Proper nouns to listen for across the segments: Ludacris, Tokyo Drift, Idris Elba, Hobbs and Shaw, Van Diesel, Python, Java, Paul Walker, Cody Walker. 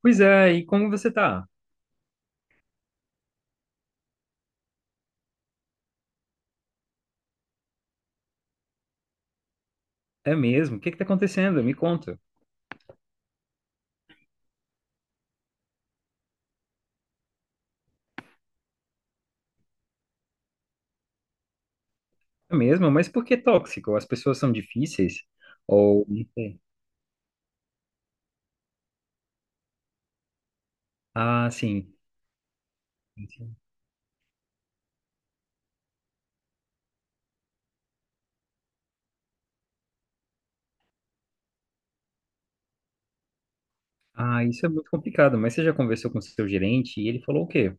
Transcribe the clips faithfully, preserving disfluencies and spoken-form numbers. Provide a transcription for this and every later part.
Pois é, e como você tá? É mesmo? O que que tá acontecendo? Me conta. É mesmo? Mas por que tóxico? As pessoas são difíceis? Ou... não sei. Ah, sim. Ah, isso é muito complicado, mas você já conversou com o seu gerente e ele falou o quê?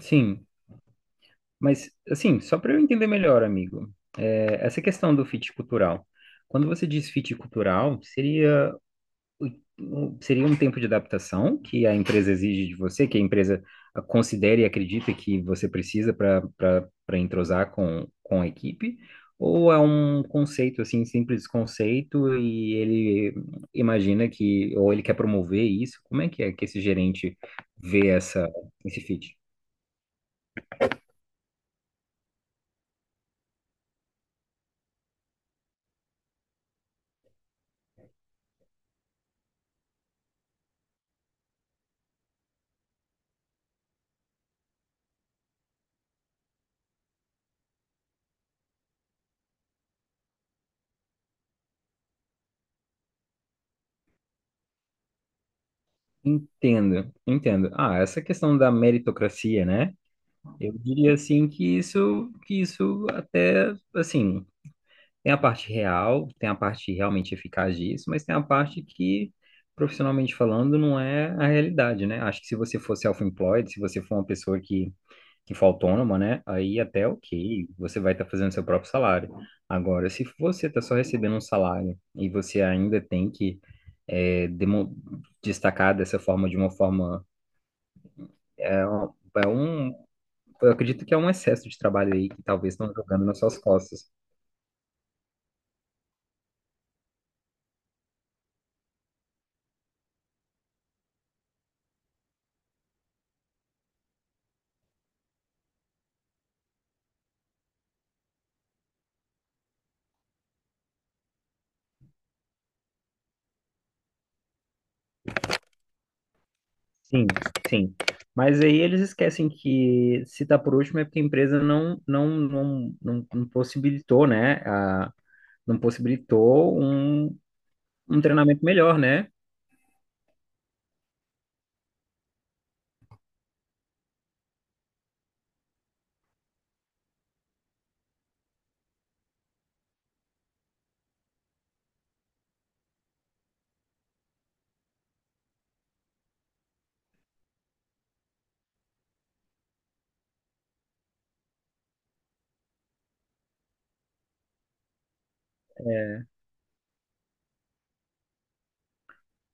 Sim, mas assim, só para eu entender melhor, amigo, é, essa questão do fit cultural. Quando você diz fit cultural, seria um- seria um tempo de adaptação que a empresa exige de você, que a empresa ah, considera e acredita que você precisa para para entrosar com, com a equipe, ou é um conceito assim, simples conceito e ele imagina que ou ele quer promover isso? Como é que é que esse gerente vê essa esse fit? Entendo, entendo. Ah, essa questão da meritocracia, né? Eu diria assim que isso que isso até assim tem a parte real, tem a parte realmente eficaz disso, mas tem a parte que, profissionalmente falando, não é a realidade, né? Acho que se você for self-employed, se você for uma pessoa que, que for autônoma, né? Aí até ok, você vai estar fazendo seu próprio salário. Agora, se você está só recebendo um salário e você ainda tem que é, demo- destacar dessa forma, de uma forma... É, um, é um- eu acredito que é um excesso de trabalho aí que talvez estão jogando nas suas costas. Sim, sim. Mas aí eles esquecem que se tá por último é porque a empresa não não não, não, não possibilitou, né? A, não possibilitou um, um treinamento melhor, né?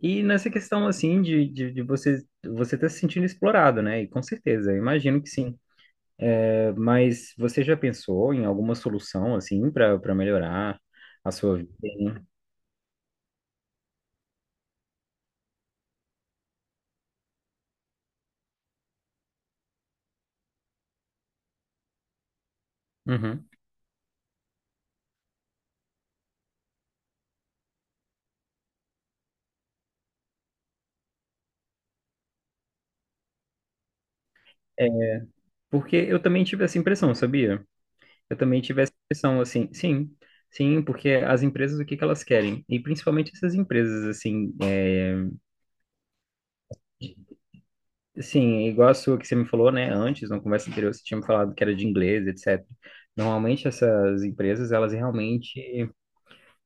E nessa questão assim de, de, de você você tá se sentindo explorado, né? E com certeza, eu imagino que sim. É, mas você já pensou em alguma solução assim para para melhorar a sua vida, hein? Uhum. Porque eu também tive essa impressão, sabia? Eu também tive essa impressão, assim, sim, sim, porque as empresas, o que que elas querem? E principalmente essas empresas, assim, é, sim, é igual a sua que você me falou, né, antes, na conversa anterior, você tinha me falado que era de inglês, etcétera. Normalmente essas empresas, elas realmente,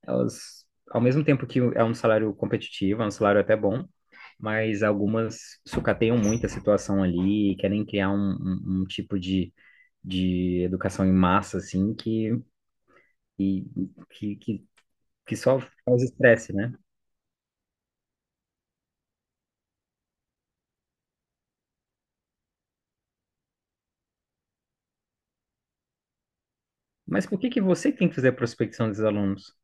elas, ao mesmo tempo que é um salário competitivo, é um salário até bom, mas algumas sucateiam muito a situação ali, querem criar um, um- um tipo de, de educação em massa, assim, que, que, que, que que só causa estresse, né? Mas por que que você tem que fazer a prospecção dos alunos?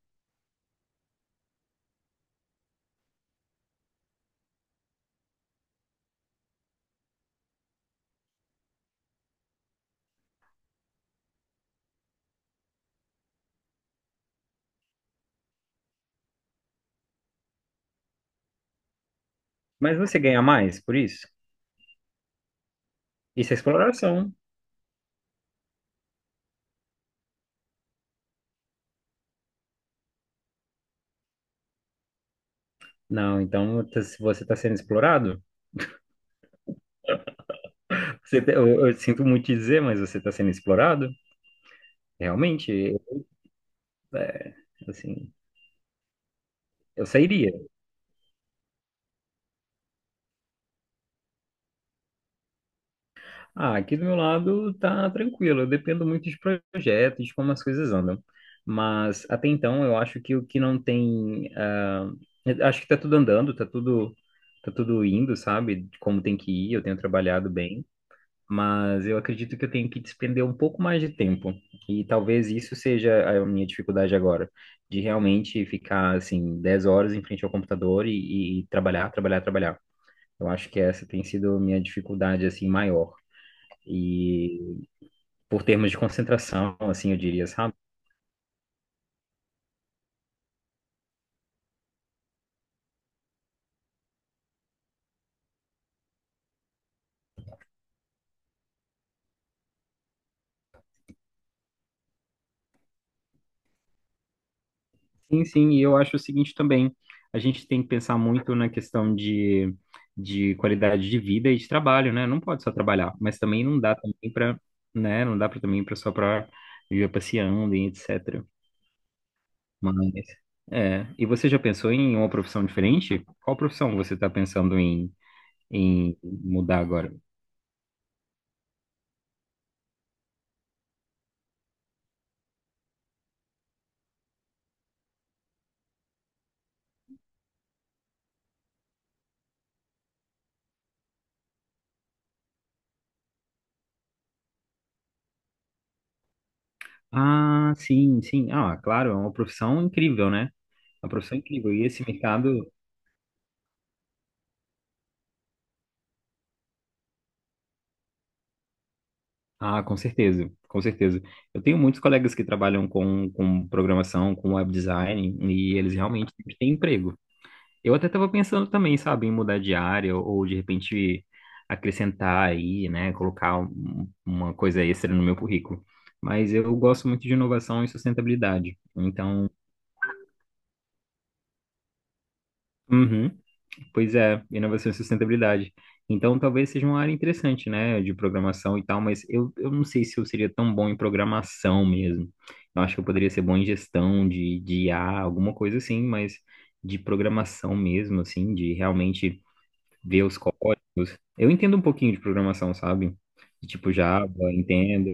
Mas você ganha mais por isso? Isso é exploração. Não, então tá- se você está sendo explorado, você tá- eu, eu sinto muito te dizer, mas você está sendo explorado. Realmente, é, assim, eu sairia. Ah, aqui do meu lado tá tranquilo, eu dependo muito de projetos, de como as coisas andam. Mas até então eu acho que o que não tem, ah, eu acho que tá tudo andando, tá tudo, tá tudo indo, sabe? Como tem que ir, eu tenho trabalhado bem, mas eu acredito que eu tenho que despender um pouco mais de tempo. E talvez isso seja a minha dificuldade agora, de realmente ficar assim dez horas em frente ao computador e, e trabalhar, trabalhar, trabalhar. Eu acho que essa tem sido a minha dificuldade assim maior. E por termos de concentração, assim, eu diria, sabe? Sim, sim, e eu acho o seguinte também, a gente tem que pensar muito na questão de, de qualidade de vida e de trabalho, né? Não pode só trabalhar, mas também não dá também para, né? Não dá para também para só para viver passeando e etcétera. Mas, é, e você já pensou em uma profissão diferente? Qual profissão você está pensando em, em mudar agora? Ah, sim, sim. Ah, claro, é uma profissão incrível, né? É uma profissão incrível. E esse mercado ah, com certeza, com certeza. Eu tenho muitos colegas que trabalham com, com programação, com web design, e eles realmente têm emprego. Eu até estava pensando também, sabe, em mudar de área ou de repente acrescentar aí, né, colocar um- uma coisa extra no meu currículo. Mas eu gosto muito de inovação e sustentabilidade. Então, uhum. Pois é, inovação e sustentabilidade. Então, talvez seja uma área interessante, né, de programação e tal, mas eu, eu não sei se eu seria tão bom em programação mesmo. Eu acho que eu poderia ser bom em gestão de, de I a alguma coisa assim, mas de programação mesmo, assim, de realmente ver os códigos. Eu entendo um pouquinho de programação, sabe? De tipo Java, entendo.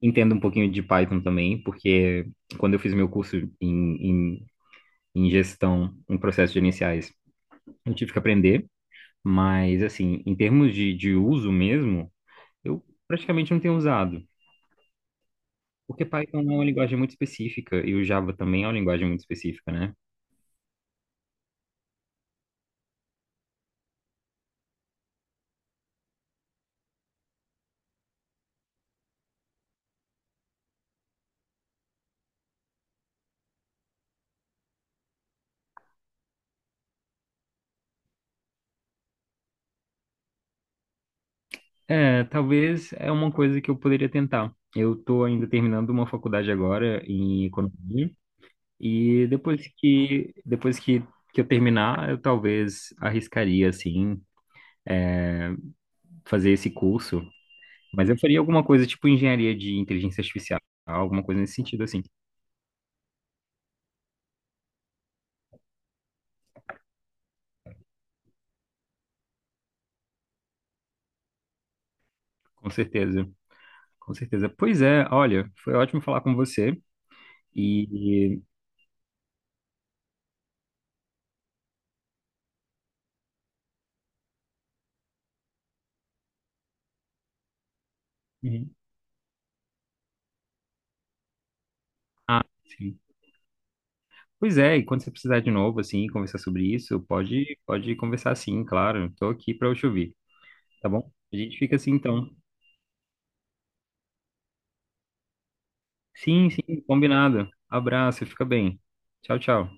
Entendo um pouquinho de Python também, porque quando eu fiz meu curso em, em, em gestão, em processos gerenciais, eu tive que aprender. Mas, assim, em termos de, de uso mesmo, eu praticamente não tenho usado. Porque Python é uma linguagem muito específica e o Java também é uma linguagem muito específica, né? É, talvez é uma coisa que eu poderia tentar. Eu estou ainda terminando uma faculdade agora em economia e depois que depois que, que eu terminar, eu talvez arriscaria assim fazer esse curso, mas eu faria alguma coisa tipo engenharia de inteligência artificial, alguma coisa nesse sentido assim, com certeza. Com certeza. Pois é, olha, foi ótimo falar com você. E. Uhum. Ah, sim. Pois é, e quando você precisar de novo, assim, conversar sobre isso, pode, pode conversar sim, claro. Estou aqui para eu te ouvir, tá bom? A gente fica assim então. Sim, sim, combinado. Abraço, fica bem. Tchau, tchau.